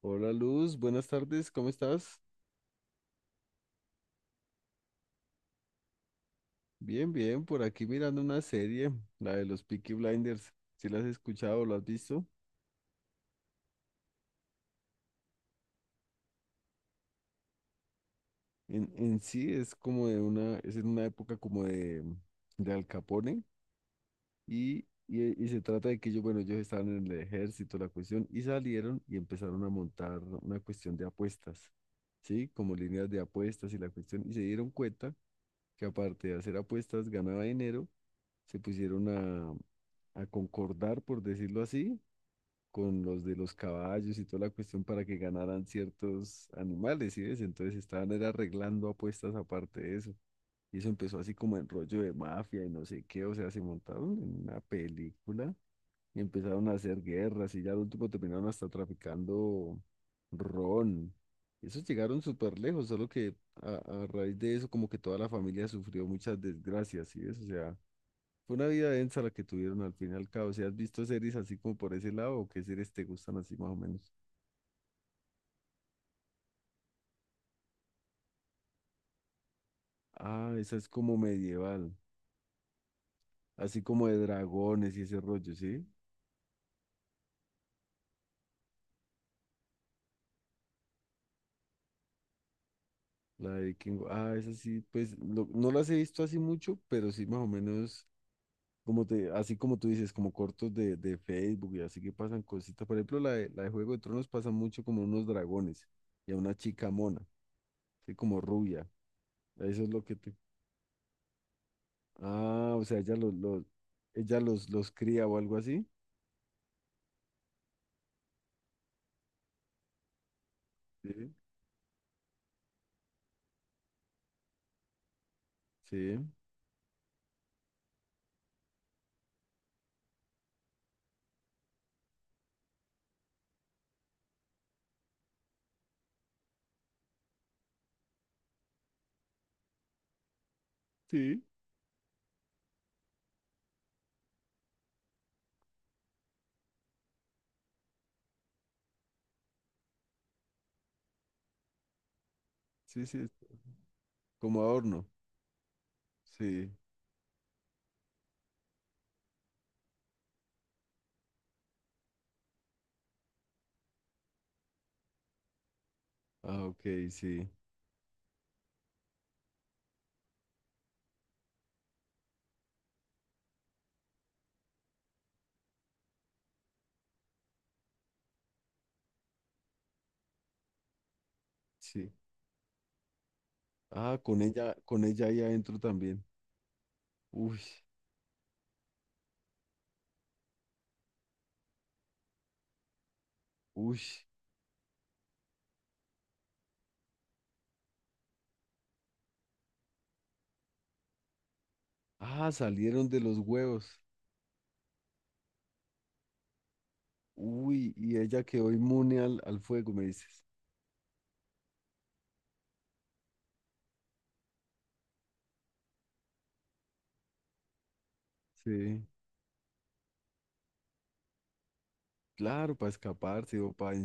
Hola Luz, buenas tardes, ¿cómo estás? Bien, bien, por aquí mirando una serie, la de los Peaky Blinders. ¿Si la has escuchado o la has visto? En sí es como de una, es en una época como de Al Capone y, y se trata de que ellos, bueno, ellos estaban en el ejército, la cuestión, y salieron y empezaron a montar una cuestión de apuestas, ¿sí? Como líneas de apuestas y la cuestión, y se dieron cuenta que aparte de hacer apuestas ganaba dinero, se pusieron a concordar, por decirlo así, con los de los caballos y toda la cuestión para que ganaran ciertos animales, ¿sí ves? Entonces estaban era arreglando apuestas aparte de eso. Y eso empezó así como en rollo de mafia y no sé qué, o sea, se montaron en una película y empezaron a hacer guerras y ya al último terminaron hasta traficando ron. Esos llegaron súper lejos, solo que a, a raíz de eso como que toda la familia sufrió muchas desgracias, ¿sí ves? O sea, fue una vida densa la que tuvieron al fin y al cabo. ¿Si has visto series así como por ese lado, o qué series te gustan así más o menos? Ah, esa es como medieval, así como de dragones y ese rollo, ¿sí? La de King. Ah, esa sí, pues no las he visto así mucho, pero sí más o menos, como te, así como tú dices, como cortos de Facebook y así que pasan cositas. Por ejemplo, la de Juego de Tronos pasa mucho como unos dragones y a una chica mona, ¿sí? Como rubia. Eso es lo que te. Ah, o sea, ella los cría o algo así. Sí, sí, sí, sí, sí, es como adorno. Sí. Ah, ok, sí, sí. Ah, con ella ahí adentro también. Uy, uy. Ah, salieron de los huevos. Uy, y ella quedó inmune al, al fuego, me dices. Sí, claro, para escaparse o para…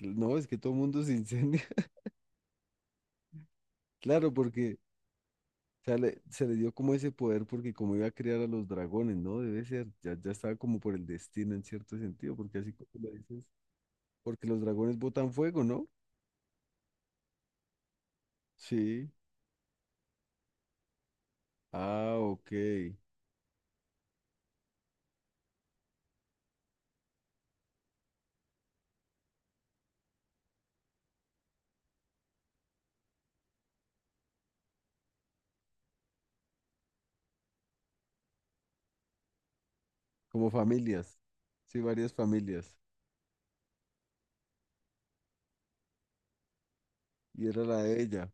No, es que todo el mundo se incendia. Claro, porque o sea, se le dio como ese poder porque como iba a criar a los dragones, ¿no? Debe ser, ya, ya estaba como por el destino en cierto sentido, porque así como lo dices. Porque los dragones botan fuego, ¿no? Sí. Ah, ok. Como familias. Sí, varias familias. Y era la de ella.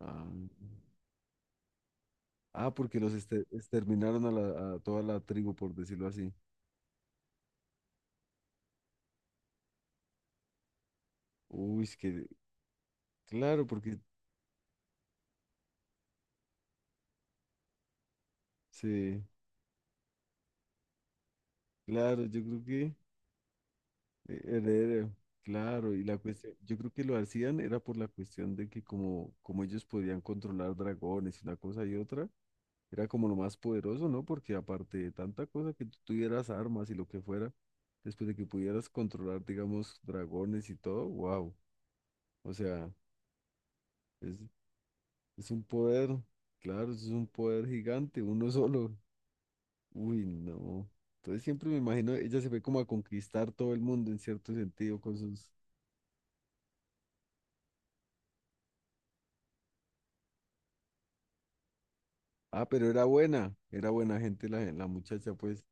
Ah, ah, porque los exterminaron a, a toda la tribu, por decirlo así. Uy, es que, claro, porque sí, claro, yo creo que heredero, claro, y la cuestión, yo creo que lo hacían era por la cuestión de que como, como ellos podían controlar dragones y una cosa y otra, era como lo más poderoso, ¿no? Porque aparte de tanta cosa que tú tuvieras armas y lo que fuera, después de que pudieras controlar, digamos, dragones y todo, wow. O sea, es, es un poder, claro, es un poder gigante, uno solo. Uy, no. Entonces siempre me imagino, ella se fue como a conquistar todo el mundo en cierto sentido con sus… Ah, pero era buena gente la, la muchacha, pues.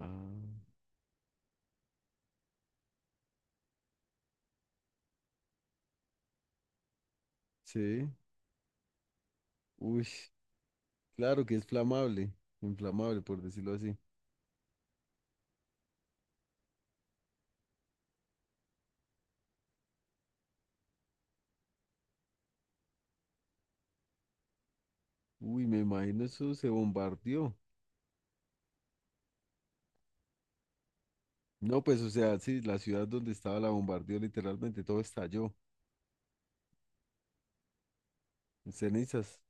Ah, sí. Uy, claro que es flamable, inflamable, por decirlo así. Uy, me imagino eso se bombardeó. No, pues, o sea, sí, la ciudad donde estaba la bombardeó literalmente, todo estalló en cenizas.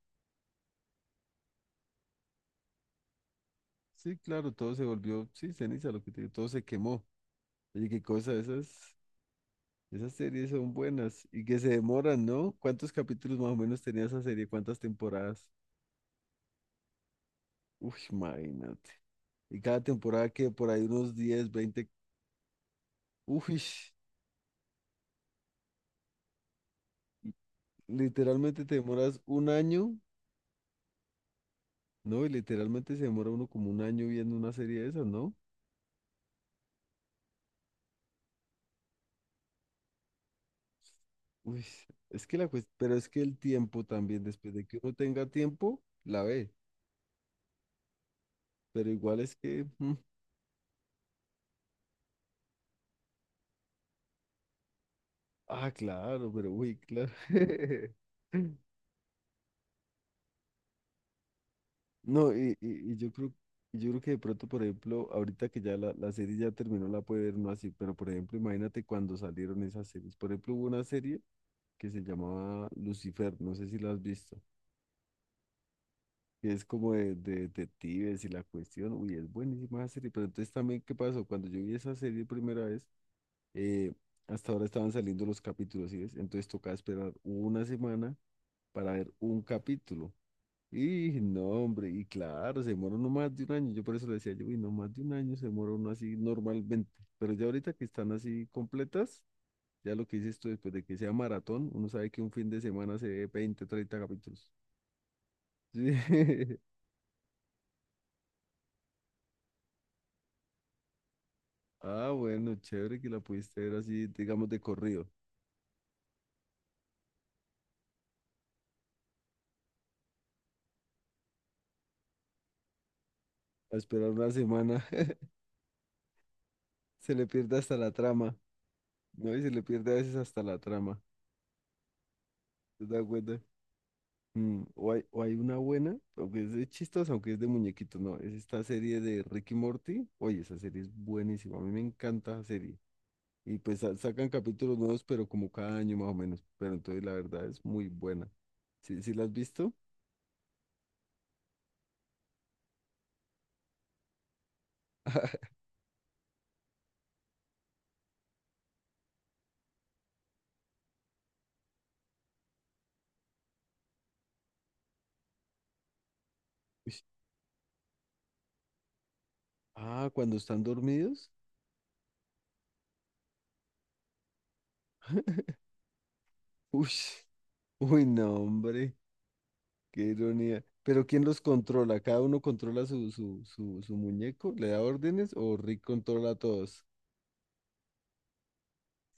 Sí, claro, todo se volvió, sí, ceniza, lo que te digo, todo se quemó. Oye, qué cosa, esas, esas series son buenas y que se demoran, ¿no? ¿Cuántos capítulos más o menos tenía esa serie? ¿Cuántas temporadas? Uy, imagínate. Y cada temporada que por ahí unos 10 veinte, uy, literalmente te demoras un año, ¿no? Y literalmente se demora uno como un año viendo una serie de esas, ¿no? Uy, es que pero es que el tiempo también, después de que uno tenga tiempo, la ve. Pero igual es que, ah, claro, pero uy, claro. No, y yo creo que de pronto, por ejemplo, ahorita que ya la serie ya terminó, la puede ver no así, pero por ejemplo, imagínate cuando salieron esas series. Por ejemplo, hubo una serie que se llamaba Lucifer, no sé si la has visto, que es como de detectives y la cuestión, uy, es buenísima esa serie, pero entonces también, ¿qué pasó? Cuando yo vi esa serie primera vez, eh, hasta ahora estaban saliendo los capítulos, ¿sí ves? Entonces tocaba esperar una semana para ver un capítulo. Y no, hombre, y claro, se demora no más de un año. Yo por eso le decía yo, uy, no más de un año se demora uno así normalmente. Pero ya ahorita que están así completas, ya lo que dices tú después de que sea maratón, uno sabe que un fin de semana se ve 20, 30 capítulos. Sí. Ah, bueno, chévere que la pudiste ver así, digamos, de corrido. A esperar una semana, se le pierde hasta la trama. No, y se le pierde a veces hasta la trama. ¿Te das cuenta? Mm, o hay, o hay una buena, aunque es de chistos, aunque es de muñequitos, no. Es esta serie de Ricky Morty. Oye, esa serie es buenísima. A mí me encanta esa serie. Y pues sacan capítulos nuevos, pero como cada año más o menos. Pero entonces la verdad es muy buena. ¿Sí, sí la has visto? Uy. Ah, cuando están dormidos. Uy, uy, no, hombre, qué ironía. Pero ¿quién los controla? ¿Cada uno controla su muñeco? ¿Le da órdenes o Rick controla a todos?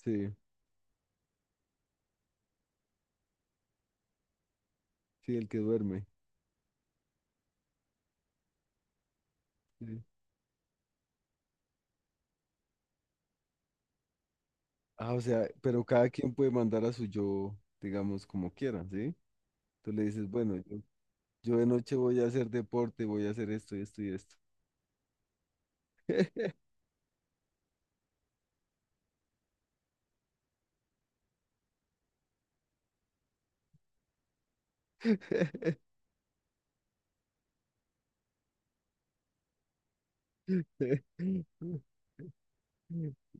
Sí, sí, el que duerme. Sí. Ah, o sea, pero cada quien puede mandar a su yo, digamos, como quiera, ¿sí? Tú le dices, bueno, yo de noche voy a hacer deporte, voy a hacer esto y esto y esto.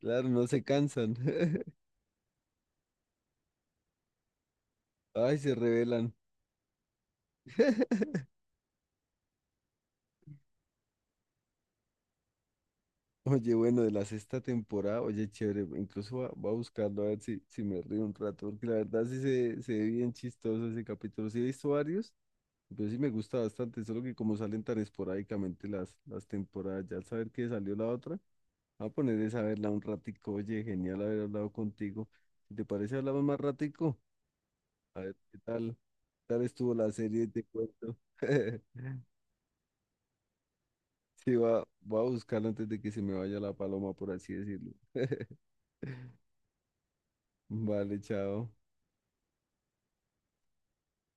Claro, no se cansan. Ay, se rebelan. Oye, bueno, de la sexta temporada, oye, chévere, incluso va, va a buscarlo a ver si, si me río un rato, porque la verdad sí se ve bien chistoso ese capítulo. Sí he visto varios, yo sí me gusta bastante, solo que como salen tan esporádicamente las temporadas, ya al saber que salió la otra, voy a poner esa a verla un ratico. Oye, genial haber hablado contigo. Si te parece, hablamos más ratico. A ver qué tal estuvo la serie de cuento. Sí, va, voy a buscarla antes de que se me vaya la paloma, por así decirlo. Vale, chao.